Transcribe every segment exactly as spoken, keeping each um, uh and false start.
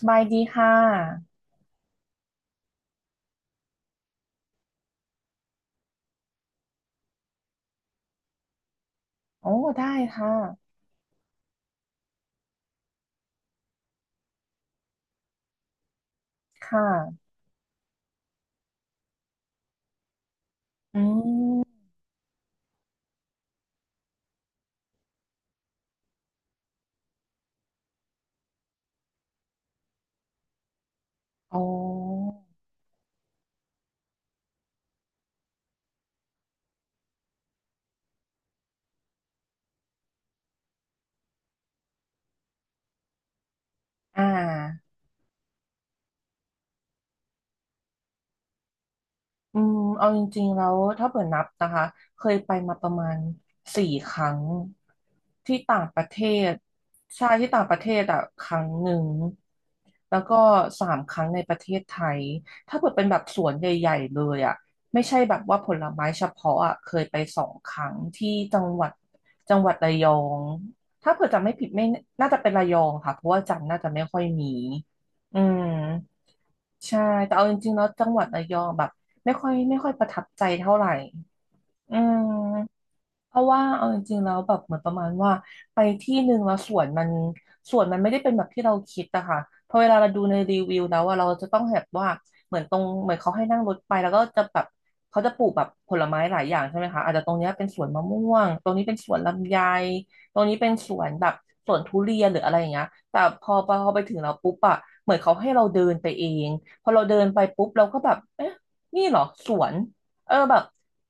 สบายดีค่ะ โอ้ ได้ค่ะ ค่ะ อืมอ๋ออ่า อืมเอาจริงๆแล้วถ้าเปิดนับนะคะเคยไปมาประมาณสี่ครั้งที่ต่างประเทศใช่ที่ต่างประเทศอ่ะครั้งหนึ่งแล้วก็สามครั้งในประเทศไทยถ้าเปิดเป็นแบบสวนใหญ่ๆเลยอ่ะไม่ใช่แบบว่าผลไม้เฉพาะอ่ะเคยไปสองครั้งที่จังหวัดจังหวัดระยองถ้าเผื่อจำไม่ผิดไม่น่าจะเป็นระยองค่ะเพราะว่าจันทร์น่าจะไม่ค่อยมีอืม ใช่แต่เอาจริงๆแล้วจังหวัดระยองแบบไม่ค่อยไม่ค่อยประทับใจเท่าไหร่อืม เพราะว่าเอาจริงๆแล้วแบบเหมือนประมาณว่าไปที่หนึ่งแล้วสวนมันสวนมันไม่ได้เป็นแบบที่เราคิดอะค่ะพอเวลาเราดูในรีวิวแล้วอะเราจะต้องแบบว่าเหมือนตรงเหมือนเขาให้นั่งรถไปแล้วก็จะแบบเขาจะปลูกแบบผลไม้หลายอย่างใช่ไหมคะอาจจะตรงเนี้ยเป็นสวนมะม่วงตรงนี้เป็นสวนลำไยตรงนี้เป็นสวนแบบสวนทุเรียนหรืออะไรอย่างเงี้ยแต่พอพอไปถึงเราปุ๊บอะเหมือนเขาให้เราเดินไปเองพอเราเดินไปปุ๊บเราก็แบบเอ๊ะนี่เหรอสวนเออแบบ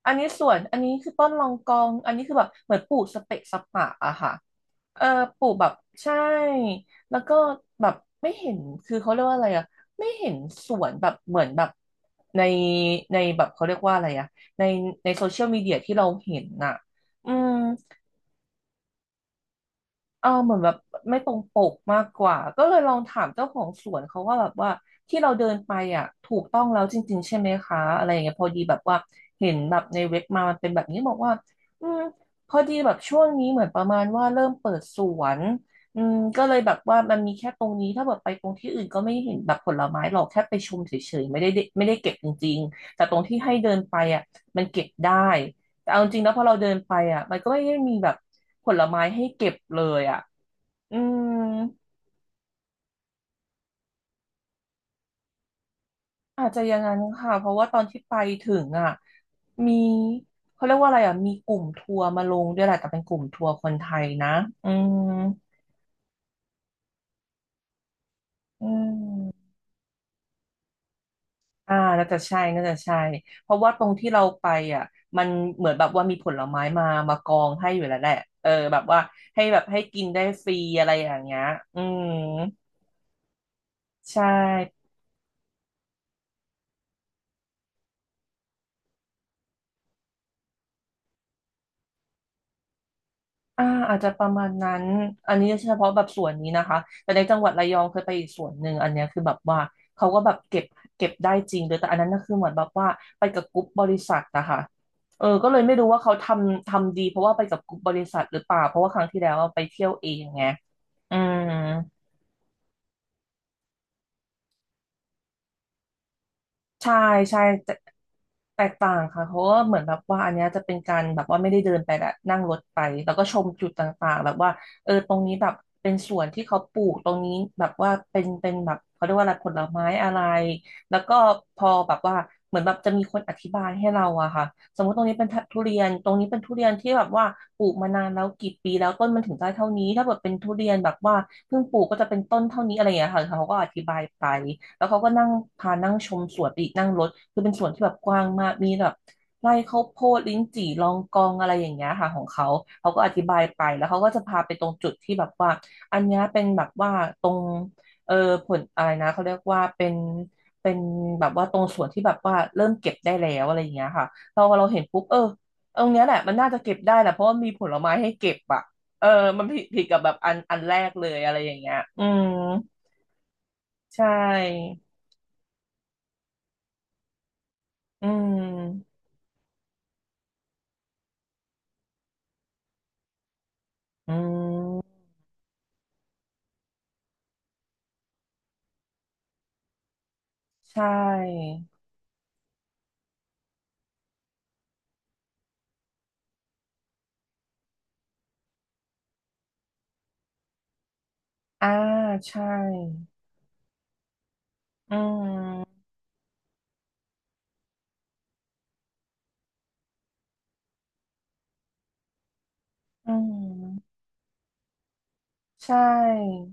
อันนี้สวนอันนี้คือต้นรองกองอันนี้คือแบบเหมือนปลูกสเปะสปะอะค่ะเออปลูกแบบใช่แล้วก็แบบไม่เห็นคือเขาเรียกว่าอะไรอะไม่เห็นสวนแบบเหมือนแบบในในแบบเขาเรียกว่าอะไรอะในในโซเชียลมีเดียที่เราเห็นน่ะอืม เออเหมือนแบบไม่ตรงปกมากกว่าก็เลยลองถามเจ้าของสวนเขาว่าแบบว่าที่เราเดินไปอ่ะถูกต้องแล้วจริงๆใช่ไหมคะอะไรอย่างเงี้ยพอดีแบบว่าเห็นแบบในเว็บมามันเป็นแบบนี้บอกว่าอืมพอดีแบบช่วงนี้เหมือนประมาณว่าเริ่มเปิดสวนอืมก็เลยแบบว่ามันมีแค่ตรงนี้ถ้าแบบไปตรงที่อื่นก็ไม่เห็นแบบผลไม้หรอกแค่ไปชมเฉยๆไม่ได้ไม่ได้เก็บจริงๆแต่ตรงที่ให้เดินไปอ่ะมันเก็บได้ แต่เอาจริงนะพอเราเดินไปอ่ะมันก็ไม่ได้มีแบบผลไม้ให้เก็บเลยอ่ะอืมอาจจะอย่างนั้นค่ะเพราะว่าตอนที่ไปถึงอ่ะมีเขาเรียกว่าอะไรอ่ะมีกลุ่มทัวร์มาลงด้วยแหละแต่เป็นกลุ่มทัวร์คนไทยนะอืมอืมอ่าน่าจะใช่น่าจะใช่เพราะว่าตรงที่เราไปอ่ะมันเหมือนแบบว่ามีผลไม้มามากองให้อยู่แล้วแหละเออแบบว่าให้แบบให้กินได้ฟรีอะไรอย่างเงี้ยอืมใช่ อ่าอาจจะประมาณนั้น อันนี้เฉพาะแบบส่วนนี้นะคะแต่ในจังหวัดระยองเคยไปอีกส่วนหนึ่งอันเนี้ยคือแบบว่าเขาก็แบบเก็บเก็บได้จริงเลยแต่อันนั้นก็คือเหมือนแบบว่าไปกับกรุ๊ปบริษัทนะคะเออก็เลยไม่รู้ว่าเขาทำทำดีเพราะว่าไปกับกรุ๊ปบริษัทหรือเปล่าเพราะว่าครั้งที่แล้วอะไปเที่ยวเองไงอืม ใช่ใช่แต่แตกต่างค่ะเพราะว่าเหมือนแบบว่าอันเนี้ยจะเป็นการแบบว่าไม่ได้เดินไปแหละนั่งรถไปแล้วก็ชมจุดต่างๆแบบว่าเออตรงนี้แบบเป็นสวนที่เขาปลูกตรงนี้แบบว่าเป็นเป็นแบบเขาเรียกว่าอะไรผลไม้อะไรแล้วก็พอแบบว่าเหมือนแบบจะมีคนอธิบายให้เราอะค่ะสมมติตรงนี้เป็นทุเรียนตรงนี้เป็นทุเรียนที่แบบว่าปลูกมานานแล้วกี่ปีแล้วต้นมันถึงได้เท่านี้ถ้าแบบเป็นทุเรียนแบบว่า เพิ่งปลูกก็จะเป็นต้นเท่านี้อะไรอย่างเงี้ยค่ะเขาก็อธิบายไปแล้วเขาก็นั่งพานั่งชมสวนไปอีกนั่งรถคือเป็นสวนที่แบบกว้างมากมีแบบไร่ข้าวโพดลิ้นจี่ลองกองอะไรอย่างเงี้ยค่ะของเขาเขาก็อธิบายไปแล้วเขาก็จะพาไปตรงจุดที่แบบว่าอันเนี้ยเป็นแบบว่าตรงเออผลอะไรนะเขาเรียกว่าเป็นเป็นแบบว่าตรงส่วนที่แบบว่าเริ่มเก็บได้แล้วอะไรอย่างเงี้ยค่ะเราเราเห็นปุ๊บเออตรงเนี้ยแหละมันน่าจะเก็บได้แหละเพราะว่ามีผลไม้ให้เก็บอะ เออ มันผิดผิดกับแบบอันอันแรกเลยอะไรอย่างเงี้ยอืมใช่ อืมอืมใช่อ่าใช่ อืมอืมใช่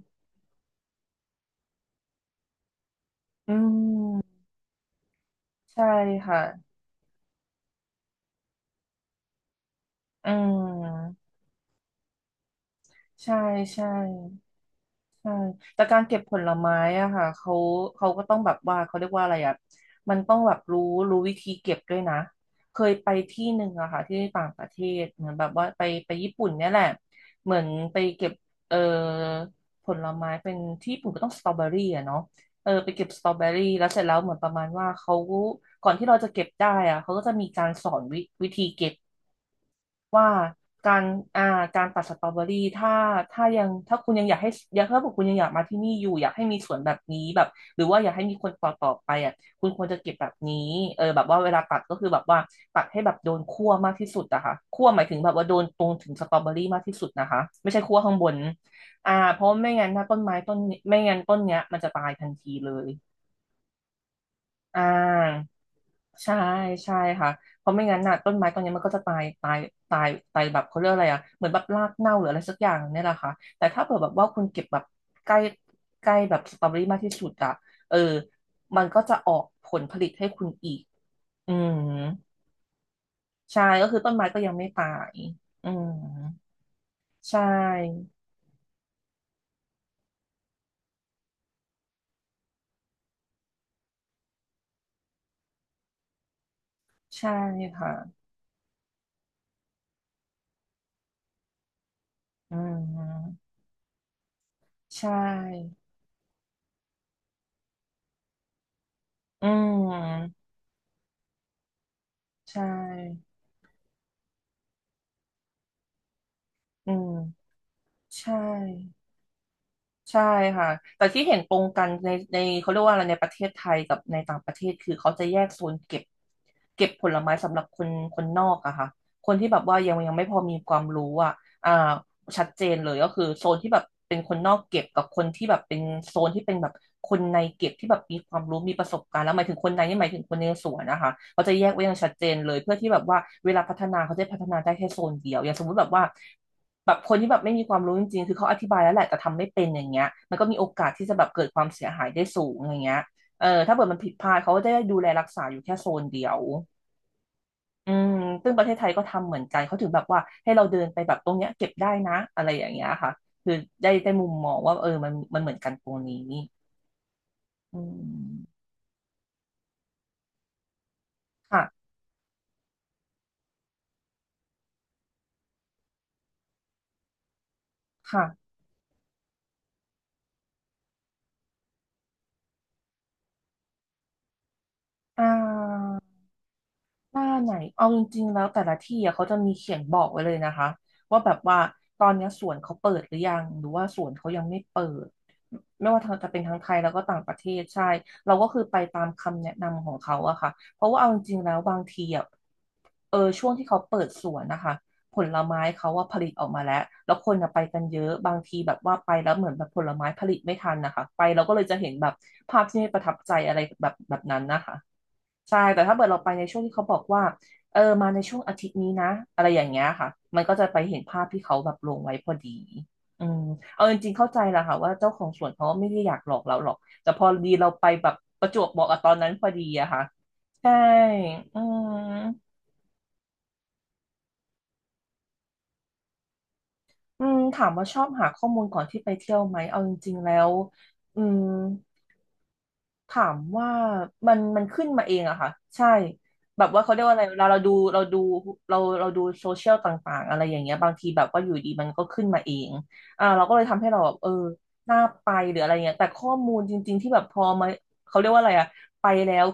อืมใช่ค่ะ อืมใช่ใช่ ใช่แต่การเก็บผลไม้อะค่ะเขาเขาก็ต้องแบบว่าเขาเรียกว่าอะไรอะมันต้องแบบรู้รู้วิธีเก็บด้วยนะเคยไปที่หนึ่งอะค่ะที่ต่างประเทศเหมือนแบบว่าไปไปญี่ปุ่นเนี่ยแหละเหมือนไปเก็บเอ่อผลไม้เป็นที่ญี่ปุ่นก็ต้องสตรอเบอรี่อะเนาะเออไปเก็บสตรอเบอรี่แล้วเสร็จแล้วเหมือนประมาณว่าเขาก่อนที่เราจะเก็บได้อะเขาก็จะมีการสอนวิวิธีเก็บ ว่าการอ่าการตัดสตรอเบอรี่ถ้าถ้ายังถ้าคุณยังอยากให้อยากถ้าบอกคุณยังอยากมาที่นี่อยู่อยากให้มีสวนแบบนี้แบบหรือว่าอยากให้มีคนต่อต่อไปอ่ะคุณควรจะเก็บแบบนี้เออแบบว่าเวลาตัดก็คือแบบว่าตัดให้แบบโดนคั่วมากที่สุดอะค่ะคั่วหมายถึงแบบว่าโดนตรงถึงสตรอเบอรี่มากที่สุดนะคะไม่ใช่คั่วข้างบนอ่าเพราะไม่งั้นถ้าต้นไม้ต้นไม่งั้นต้นเนี้ยมันจะตายทันทีเลยอ่า ใช่ใช่ค่ะเพราะไม่งั้นน่ะต้นไม้ต้นนี้มันก็จะตายตายตายตายแบบเขาเรียกอะไรอ่ะเหมือนแบบรากเน่าหรืออะไรสักอย่างเนี่ยแหละค่ะแต่ถ้าเผื่อแบบว่าคุณเก็บแบบใกล้ใกล้แบบสตรอเบอรี่มากที่สุดอ่ะเออมันก็จะออกผลผลิตให้คุณอีกอืมใช่ก็คือต้นไม้ก็ยังไม่ตายอืมใช่ใช่ค่ะอืมใช่อืมใช่อืมใช่ ใช่ค่ะแต่ที่เห็นตรงกันในในเขาเรียกว่าอะไรในประเทศไทยกับในต่างประเทศคือเขาจะแยกโซนเก็บเก็บผลไม้สำหรับคนคนนอกอะค่ะคนที่แบบว่ายังยังไม่พอมีความรู้อะอ่า ชัดเจนเลยก็คือโซนที่แบบเป็นคนนอกเก็บกับคนที่แบบเป็นโซนที่เป็นแบบคนในเก็บที่แบบมีความรู้มีประสบการณ์แล้วหมายถึงคนในนี่หมายถึงคนในสวนนะคะเขาจะแยกไว้อย่างชัดเจนเลยเพื่อที่แบบว่าเวลาพัฒนาเขาจะพัฒนาได้แค่โซนเดียวอย่างสมมติแบบว่าแบบคนที่แบบไม่มีความรู้จริงๆคือเขาอธิบายแล้วแหละแต่ทำไม่เป็นอย่างเงี้ยมันก็มีโอกาสที่จะแบบเกิดความเสียหายได้สูงอย่างเงี้ยเออถ้าเกิดมันผิดพลาดเขาก็จะได้ดูแลรักษาอยู่แค่โซนเดียว อืมซึ่งประเทศไทยก็ทำเหมือนกันเขาถึงแบบว่าให้เราเดินไปแบบตรงเนี้ยเก็บได้นะอะไรอย่างเงี้ยค่ะ คือได้ได้มุมมองว่าเออมันมันเหมือนกันตรงนี้อืมค่ะค่ะอ่า หน้าไหนเอาจริงๆแล้วแต่ละที่อะเขาจะมีเขียนบอกไว้เลยนะคะว่าแบบว่าตอนเนี้ยสวนเขาเปิดหรือยังหรือว่าสวนเขายังไม่เปิดไม่ว่าจะเป็นทั้งไทยแล้วก็ต่างประเทศใช่เราก็คือไปตามคำแนะนำของเขาอะค่ะเพราะว่าเอาจริงๆแล้วบางทีอะเออช่วงที่เขาเปิดสวนนะคะผลไม้เขาว่าผลิตออกมาแล้วแล้วคนอะไปกันเยอะบางทีแบบว่าไปแล้วเหมือนแบบผลไม้ผลิตไม่ทันนะคะไปเราก็เลยจะเห็นแบบภาพที่ไม่ประทับใจอะไรแบบแบบนั้นนะคะ ใช่แต่ถ้าเกิดเราไปในช่วงที่เขาบอกว่าเออมาในช่วงอาทิตย์นี้นะอะไรอย่างเงี้ยค่ะมันก็จะไปเห็นภาพที่เขาแบบลงไว้พอดีอืมเอาจริงๆเข้าใจแหละค่ะว่าเจ้าของสวนเขาไม่ได้อยากหลอกเราหรอกแต่พอดีเราไปแบบประจวบเหมาะกับตอนนั้นพอดีอะค่ะใช่อืมอืมถามว่าชอบหาข้อมูลก่อนที่ไปเที่ยวไหมเอาจริงๆแล้วอืม ถามว่ามันมันขึ้นมาเองอะค่ะใช่แบบว่าเขาเรียกว่าอะไรเวลาเราดูเราดูเราเราดูโซเชียลต่างๆอะไรอย่างเงี้ยบางทีแบบว่าอยู่ดีมันก็ขึ้นมาเองอ่าเราก็เลยทำให้เราแบบเออน่าไปหรืออะไรเงี้ยแต่ข้อมูลจริงๆที่แบบพอมาเขาเรียกว่าอะไรอะไปแล้ว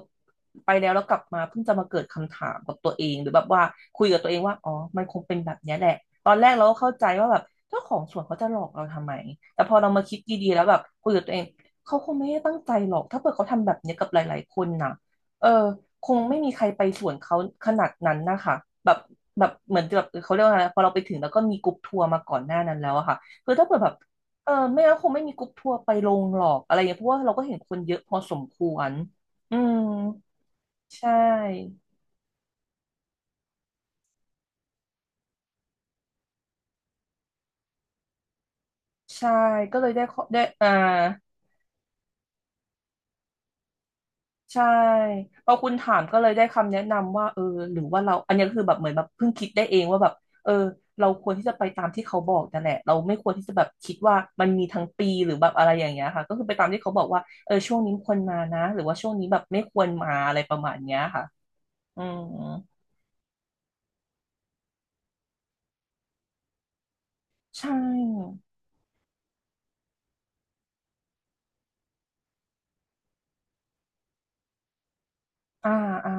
ไปแล้วแล้วกลับมาเพิ่งจะมาเกิดคำถามกับตัวเองหรือแบบว่าคุยกับตัวเองว่าอ๋อมันคงเป็นแบบเนี้ยแหละตอนแรกเราก็เข้าใจว่าแบบเจ้าของสวนเขาจะหลอกเราทำไมแต่พอเรามาคิดดีๆแล้วแบบคุยกับตัวเอง เขาคงไม่ได้ตั้งใจหรอก ถ้าเกิดเขาทำแบบเนี้ยกับหลายๆคนน่ะเออคงไม่มีใครไปสวนเขาขนาดนั้นนะคะแบบแบบเหมือนแบบเขาเรียกว่าอะไรพอเราไปถึงแล้วก็มีกรุ๊ปทัวร์มาก่อนหน้านั้นแล้วอะค่ะคือถ้าเกิดแบบเออไม่งั้นคงไม่มีกรุ๊ปทัวร์ไปลงหรอกอะไรอย่างเงี้ยเพราะว่าเราก็เห็นคนเยอะพอสมควรอืม ใช่ใช่ก็เลยได้ข้อได้อ่า ใช่พอคุณถามก็เลยได้คำแนะนำว่าเออหรือว่าเราอันนี้ก็คือแบบเหมือนแบบเพิ่งคิดได้เองว่าแบบเออเราควรที่จะไปตามที่เขาบอกนั่นแหละเราไม่ควรที่จะแบบคิดว่ามันมีทั้งปีหรือแบบอะไรอย่างเงี้ยค่ะก็คือไปตามที่เขาบอกว่าเออช่วงนี้ควรมานะหรือว่าช่วงนี้แบบไม่ควรมาอะไรประมาณเนี้ยค่ะอืมใช่อ่าอ่า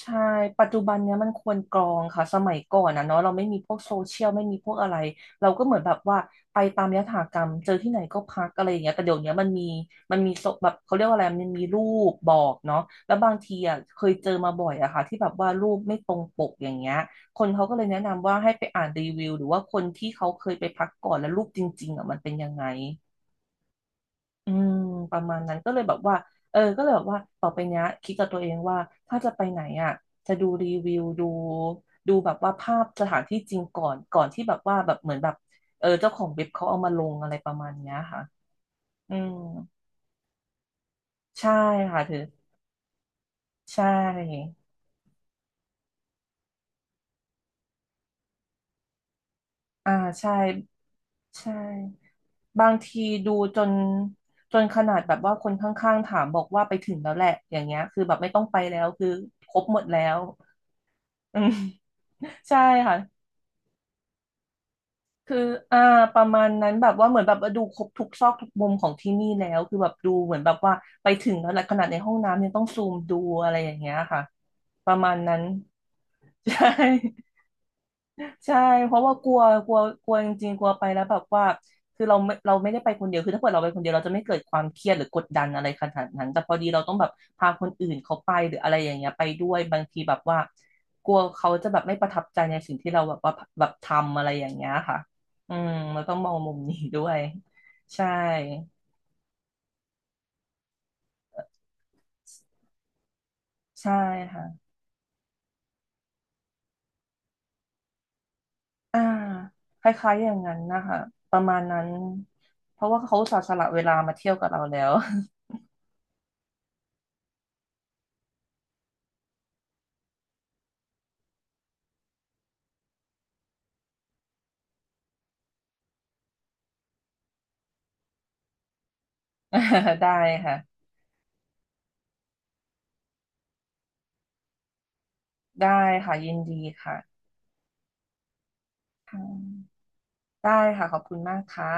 ใช่ปัจจุบันเนี้ยมันควรกรองค่ะสมัยก่อนนะเนาะเราไม่มีพวกโซเชียลไม่มีพวกอะไรเราก็เหมือนแบบว่าไปตามยถากรรมเจอที่ไหนก็พักอะไรอย่างเงี้ยแต่เดี๋ยวเนี้ยมันมีมันมีโซแบบเขาเรียกว่าอะไรมันมีรูปบอกเนาะแล้วบางทีอ่ะเคยเจอมาบ่อยอะค่ะที่แบบว่ารูปไม่ตรงปกอย่างเงี้ยคนเขาก็เลยแนะนำว่าให้ไปอ่านรีวิวหรือว่าคนที่เขาเคยไปพักก่อนแล้วรูปจริงๆอ่ะมันเป็นยังไง อืมประมาณนั้นก็เลยแบบว่าเออก็เลยแบบว่าต่อไปเนี้ยคิดกับตัวเองว่าถ้าจะไปไหนอ่ะจะดูรีวิวดูดูแบบว่าภาพสถานที่จริงก่อนก่อนที่แบบว่าแบบเหมือนแบบเออเจ้าของเว็บเขาเอามาลงอะไรประมาณเนี้ยค่ะอืมใช่ค่ะถือใช่อ่าใช่ใช่บางทีดูจนจนขนาดแบบว่าคนข้างๆถามบอกว่าไปถึงแล้วแหละอย่างเงี้ยคือแบบไม่ต้องไปแล้วคือครบหมดแล้วอืมใช่ค่ะ คืออ่า ประมาณนั้นแบบว่าเหมือนแบบว่าดูครบทุกซอกทุกมุมของที่นี่แล้ว คือแบบดูเหมือนแบบว่าไปถึงแล้วแหละขนาดในห้องน้ำยังต้องซูมดูอะไรอย่างเงี้ยค่ะ ประมาณนั้น ใช่ ใช่เพราะว่ากลัวกลัวกลัวจริงๆกลัวไปแล้วแบบว่าคือเราไม่เราไม่ได้ไปคนเดียวคือถ้าเกิดเราไปคนเดียวเราจะไม่เกิดความเครียดหรือกดดันอะไรขนาดนั้นแต่พอดีเราต้องแบบพาคนอื่นเขาไปหรืออะไรอย่างเงี้ยไปด้วยบางทีแบบว่ากลัวเขาจะแบบไม่ประทับใจในสิ่งที่เราแบบว่าแบบทำอะไรอย่างเงี้ยค่ะอืมเราต้องมองมุมนี้ด้วยใช่ใช่ค่ะอ่าคล้ายๆอย่างนั้นนะคะประมาณนั้นเพราะว่าเขาอุตส่าห์สละเวลามาเที่ยวกับเราแล้ว ได้ค่ะ ได้ค่ะยินดีค่ะค่ะได้ค่ะขอบคุณมากค่ะ